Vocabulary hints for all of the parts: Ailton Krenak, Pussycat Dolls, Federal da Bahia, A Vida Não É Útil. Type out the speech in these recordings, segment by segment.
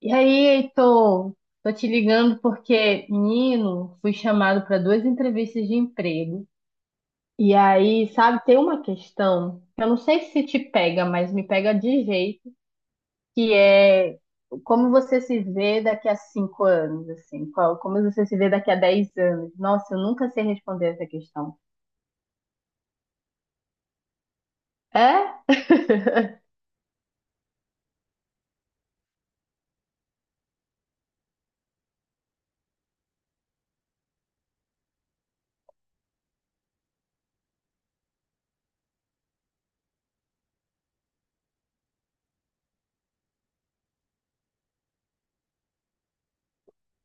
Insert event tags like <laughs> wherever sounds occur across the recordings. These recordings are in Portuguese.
E aí, Heitor? Tô te ligando porque, menino, fui chamado para duas entrevistas de emprego. E aí, sabe, tem uma questão, que eu não sei se te pega, mas me pega de jeito, que é como você se vê daqui a cinco anos, assim, como você se vê daqui a dez anos. Nossa, eu nunca sei responder essa questão. É? <laughs>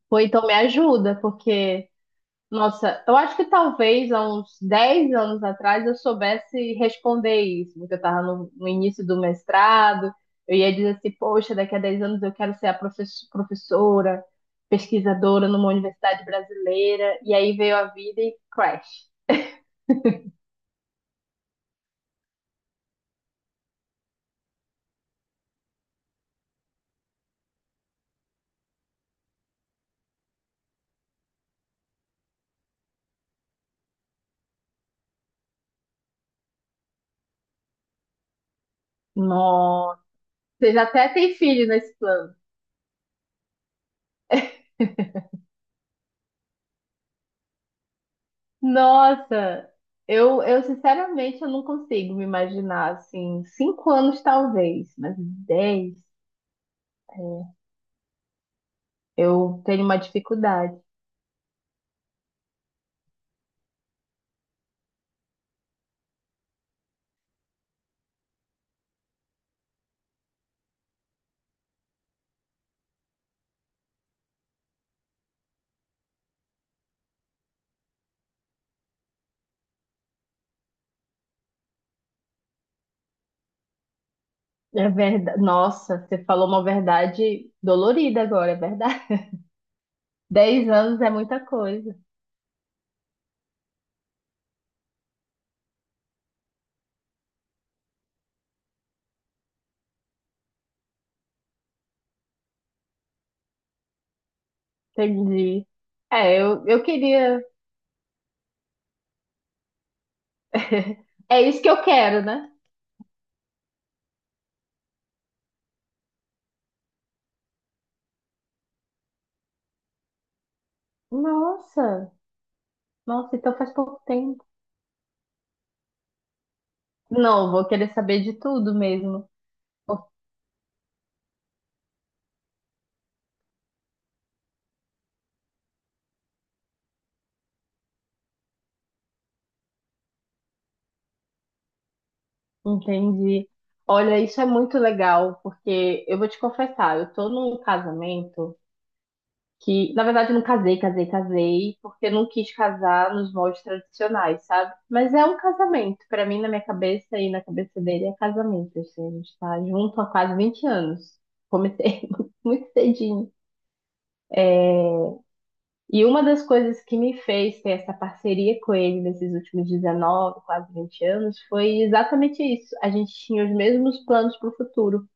Pô, então me ajuda, porque nossa, eu acho que talvez há uns 10 anos atrás eu soubesse responder isso, porque eu estava no início do mestrado, eu ia dizer assim, poxa, daqui a 10 anos eu quero ser a professora, pesquisadora numa universidade brasileira, e aí veio a vida e crash. Nossa, você já até tem filho nesse plano. Nossa, eu sinceramente eu não consigo me imaginar assim, cinco anos talvez, mas 10, é, eu tenho uma dificuldade. É verdade. Nossa, você falou uma verdade dolorida agora, é verdade. <laughs> Dez anos é muita coisa. Entendi. É, eu queria. É isso que eu quero, né? Nossa, nossa, então faz pouco tempo. Não, vou querer saber de tudo mesmo. Entendi. Olha, isso é muito legal, porque eu vou te confessar, eu tô num casamento. Que, na verdade, eu não casei, porque eu não quis casar nos moldes tradicionais, sabe? Mas é um casamento. Pra mim, na minha cabeça e na cabeça dele, é casamento. Assim, a gente tá junto há quase 20 anos. Comecei <laughs> muito cedinho. E uma das coisas que me fez ter essa parceria com ele nesses últimos 19, quase 20 anos, foi exatamente isso. A gente tinha os mesmos planos para o futuro.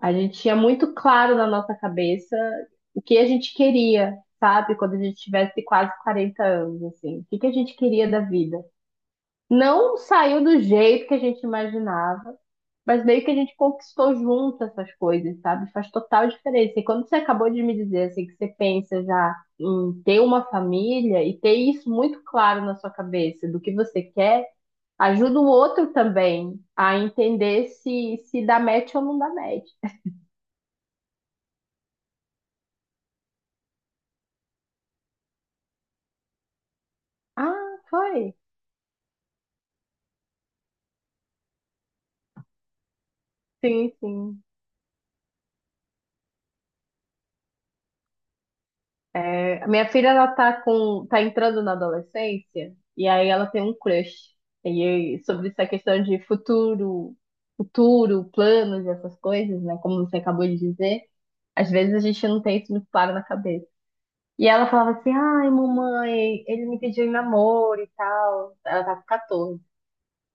A gente tinha muito claro na nossa cabeça o que a gente queria, sabe? Quando a gente tivesse quase 40 anos, assim. O que que a gente queria da vida. Não saiu do jeito que a gente imaginava, mas meio que a gente conquistou junto essas coisas, sabe? Faz total diferença. E quando você acabou de me dizer, assim, que você pensa já em ter uma família e ter isso muito claro na sua cabeça do que você quer, ajuda o outro também a entender se dá match ou não dá match. Ah, foi. Sim, sim. É, a minha filha, ela tá entrando na adolescência, e aí ela tem um crush. E aí, sobre essa questão de futuro, planos e essas coisas, né? Como você acabou de dizer, às vezes a gente não tem isso muito claro na cabeça. E ela falava assim, ai, mamãe, ele me pediu em namoro e tal. Ela tá com 14.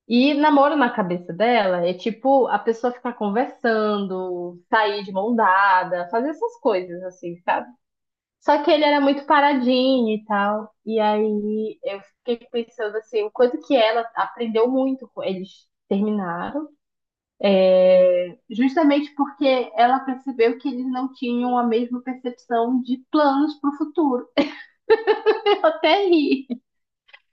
E namoro na cabeça dela é tipo a pessoa ficar conversando, sair de mão dada, fazer essas coisas, assim, sabe? Só que ele era muito paradinho e tal. E aí eu fiquei pensando assim, o quanto que ela aprendeu muito com eles terminaram, justamente porque ela percebeu que eles não tinham a mesma percepção de planos para o futuro. <laughs> Eu até ri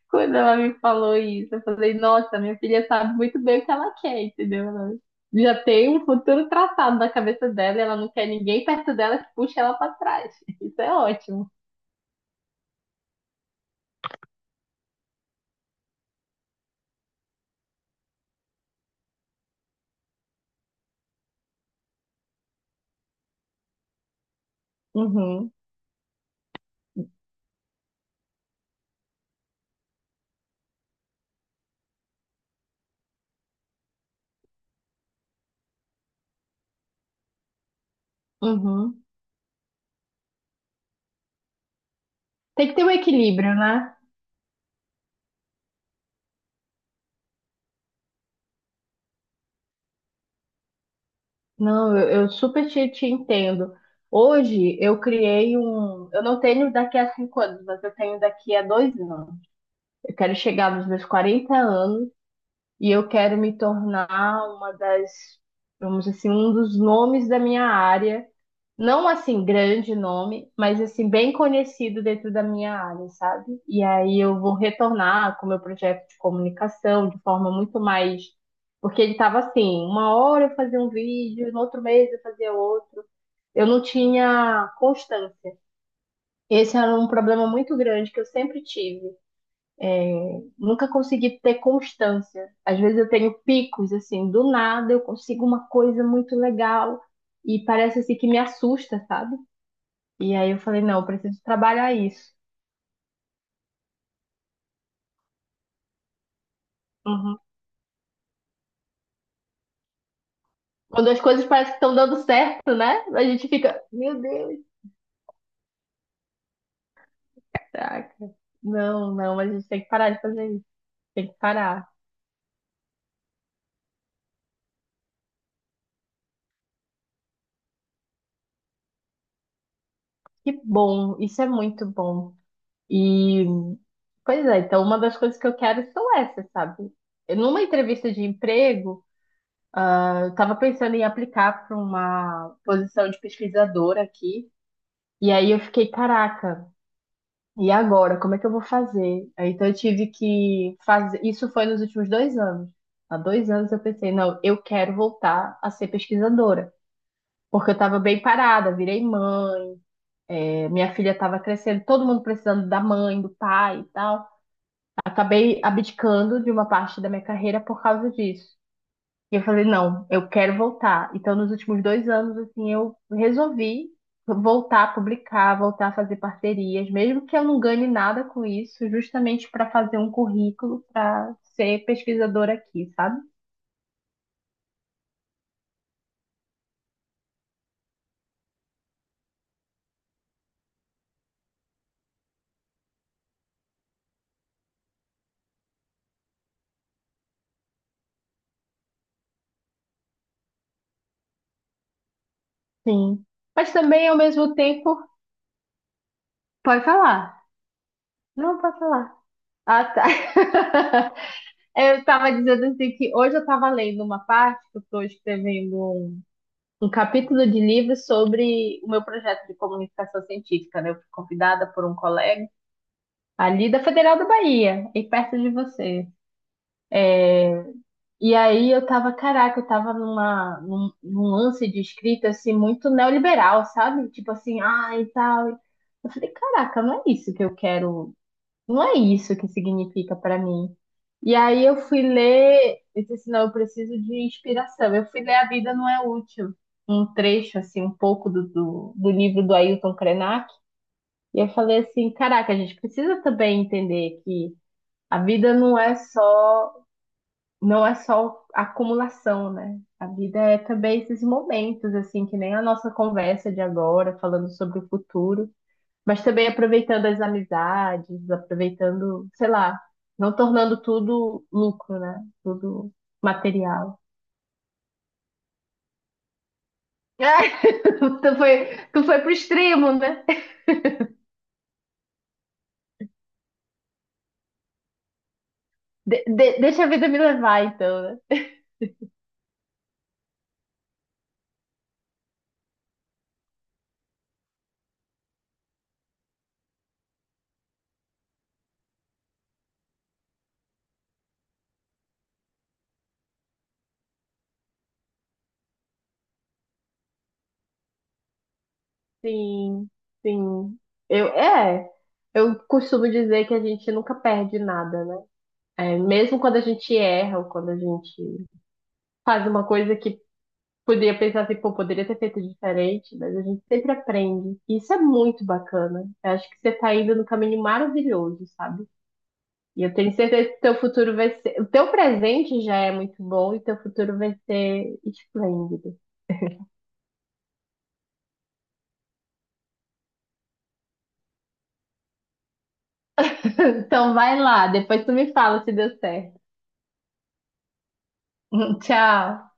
quando ela me falou isso. Eu falei, nossa, minha filha sabe muito bem o que ela quer, entendeu? Ela já tem um futuro traçado na cabeça dela, e ela não quer ninguém perto dela que puxe ela para trás. <laughs> Isso é ótimo. Uhum, uhum. Tem que ter um equilíbrio, né? Não, eu super te entendo. Hoje eu criei um. Eu não tenho daqui a cinco anos, mas eu tenho daqui a dois anos. Eu quero chegar nos meus 40 anos e eu quero me tornar uma das, vamos dizer assim, um dos nomes da minha área, não assim grande nome, mas assim bem conhecido dentro da minha área, sabe? E aí eu vou retornar com o meu projeto de comunicação de forma muito mais, porque ele estava assim, uma hora eu fazia um vídeo, no outro mês eu fazia outro. Eu não tinha constância. Esse era um problema muito grande que eu sempre tive. Nunca consegui ter constância. Às vezes eu tenho picos, assim, do nada eu consigo uma coisa muito legal e parece assim que me assusta, sabe? E aí eu falei, não, eu preciso trabalhar isso. Uhum. Quando as coisas parecem que estão dando certo, né? A gente fica, meu Deus, caraca. Não, a gente tem que parar de fazer isso. Tem que parar. Que bom, isso é muito bom. E, pois é, então uma das coisas que eu quero são essas, sabe? Numa entrevista de emprego, eu estava pensando em aplicar para uma posição de pesquisadora aqui. E aí eu fiquei, caraca. E agora, como é que eu vou fazer? Aí, então eu tive que fazer. Isso foi nos últimos dois anos. Há dois anos eu pensei, não, eu quero voltar a ser pesquisadora. Porque eu estava bem parada, virei mãe, minha filha estava crescendo, todo mundo precisando da mãe, do pai e tal. Acabei abdicando de uma parte da minha carreira por causa disso. E eu falei, não, eu quero voltar. Então, nos últimos dois anos, assim, eu resolvi voltar a publicar, voltar a fazer parcerias, mesmo que eu não ganhe nada com isso, justamente para fazer um currículo para ser pesquisadora aqui, sabe? Sim. Mas também, ao mesmo tempo, pode falar. Não, pode falar. Ah, tá. <laughs> Eu estava dizendo assim que hoje eu estava lendo uma parte, que eu estou escrevendo um capítulo de livro sobre o meu projeto de comunicação científica, né? Eu fui convidada por um colega ali da Federal da Bahia, e perto de você. E aí eu tava, caraca, eu tava num lance de escrita, assim, muito neoliberal, sabe? Tipo assim, ah, e tal. Eu falei, caraca, não é isso que eu quero, não é isso que significa para mim. E aí eu fui ler, eu disse assim, não, eu preciso de inspiração. Eu fui ler A Vida Não É Útil, um trecho, assim, um pouco do livro do Ailton Krenak. E eu falei assim, caraca, a gente precisa também entender que a vida não é só acumulação, né? A vida é também esses momentos, assim, que nem a nossa conversa de agora, falando sobre o futuro. Mas também aproveitando as amizades, aproveitando, sei lá, não tornando tudo lucro, né? Tudo material. Ai, <laughs> tu foi pro extremo, né? Deixa a vida me levar, então, né? Sim, sim. Eu, é, eu costumo dizer que a gente nunca perde nada, né? É, mesmo quando a gente erra ou quando a gente faz uma coisa que poderia pensar assim, pô, poderia ter feito diferente, mas a gente sempre aprende. E isso é muito bacana. Eu acho que você tá indo no caminho maravilhoso, sabe? E eu tenho certeza que teu futuro vai ser. O teu presente já é muito bom e teu futuro vai ser esplêndido. <laughs> Então vai lá, depois tu me fala se deu certo. <laughs> Tchau.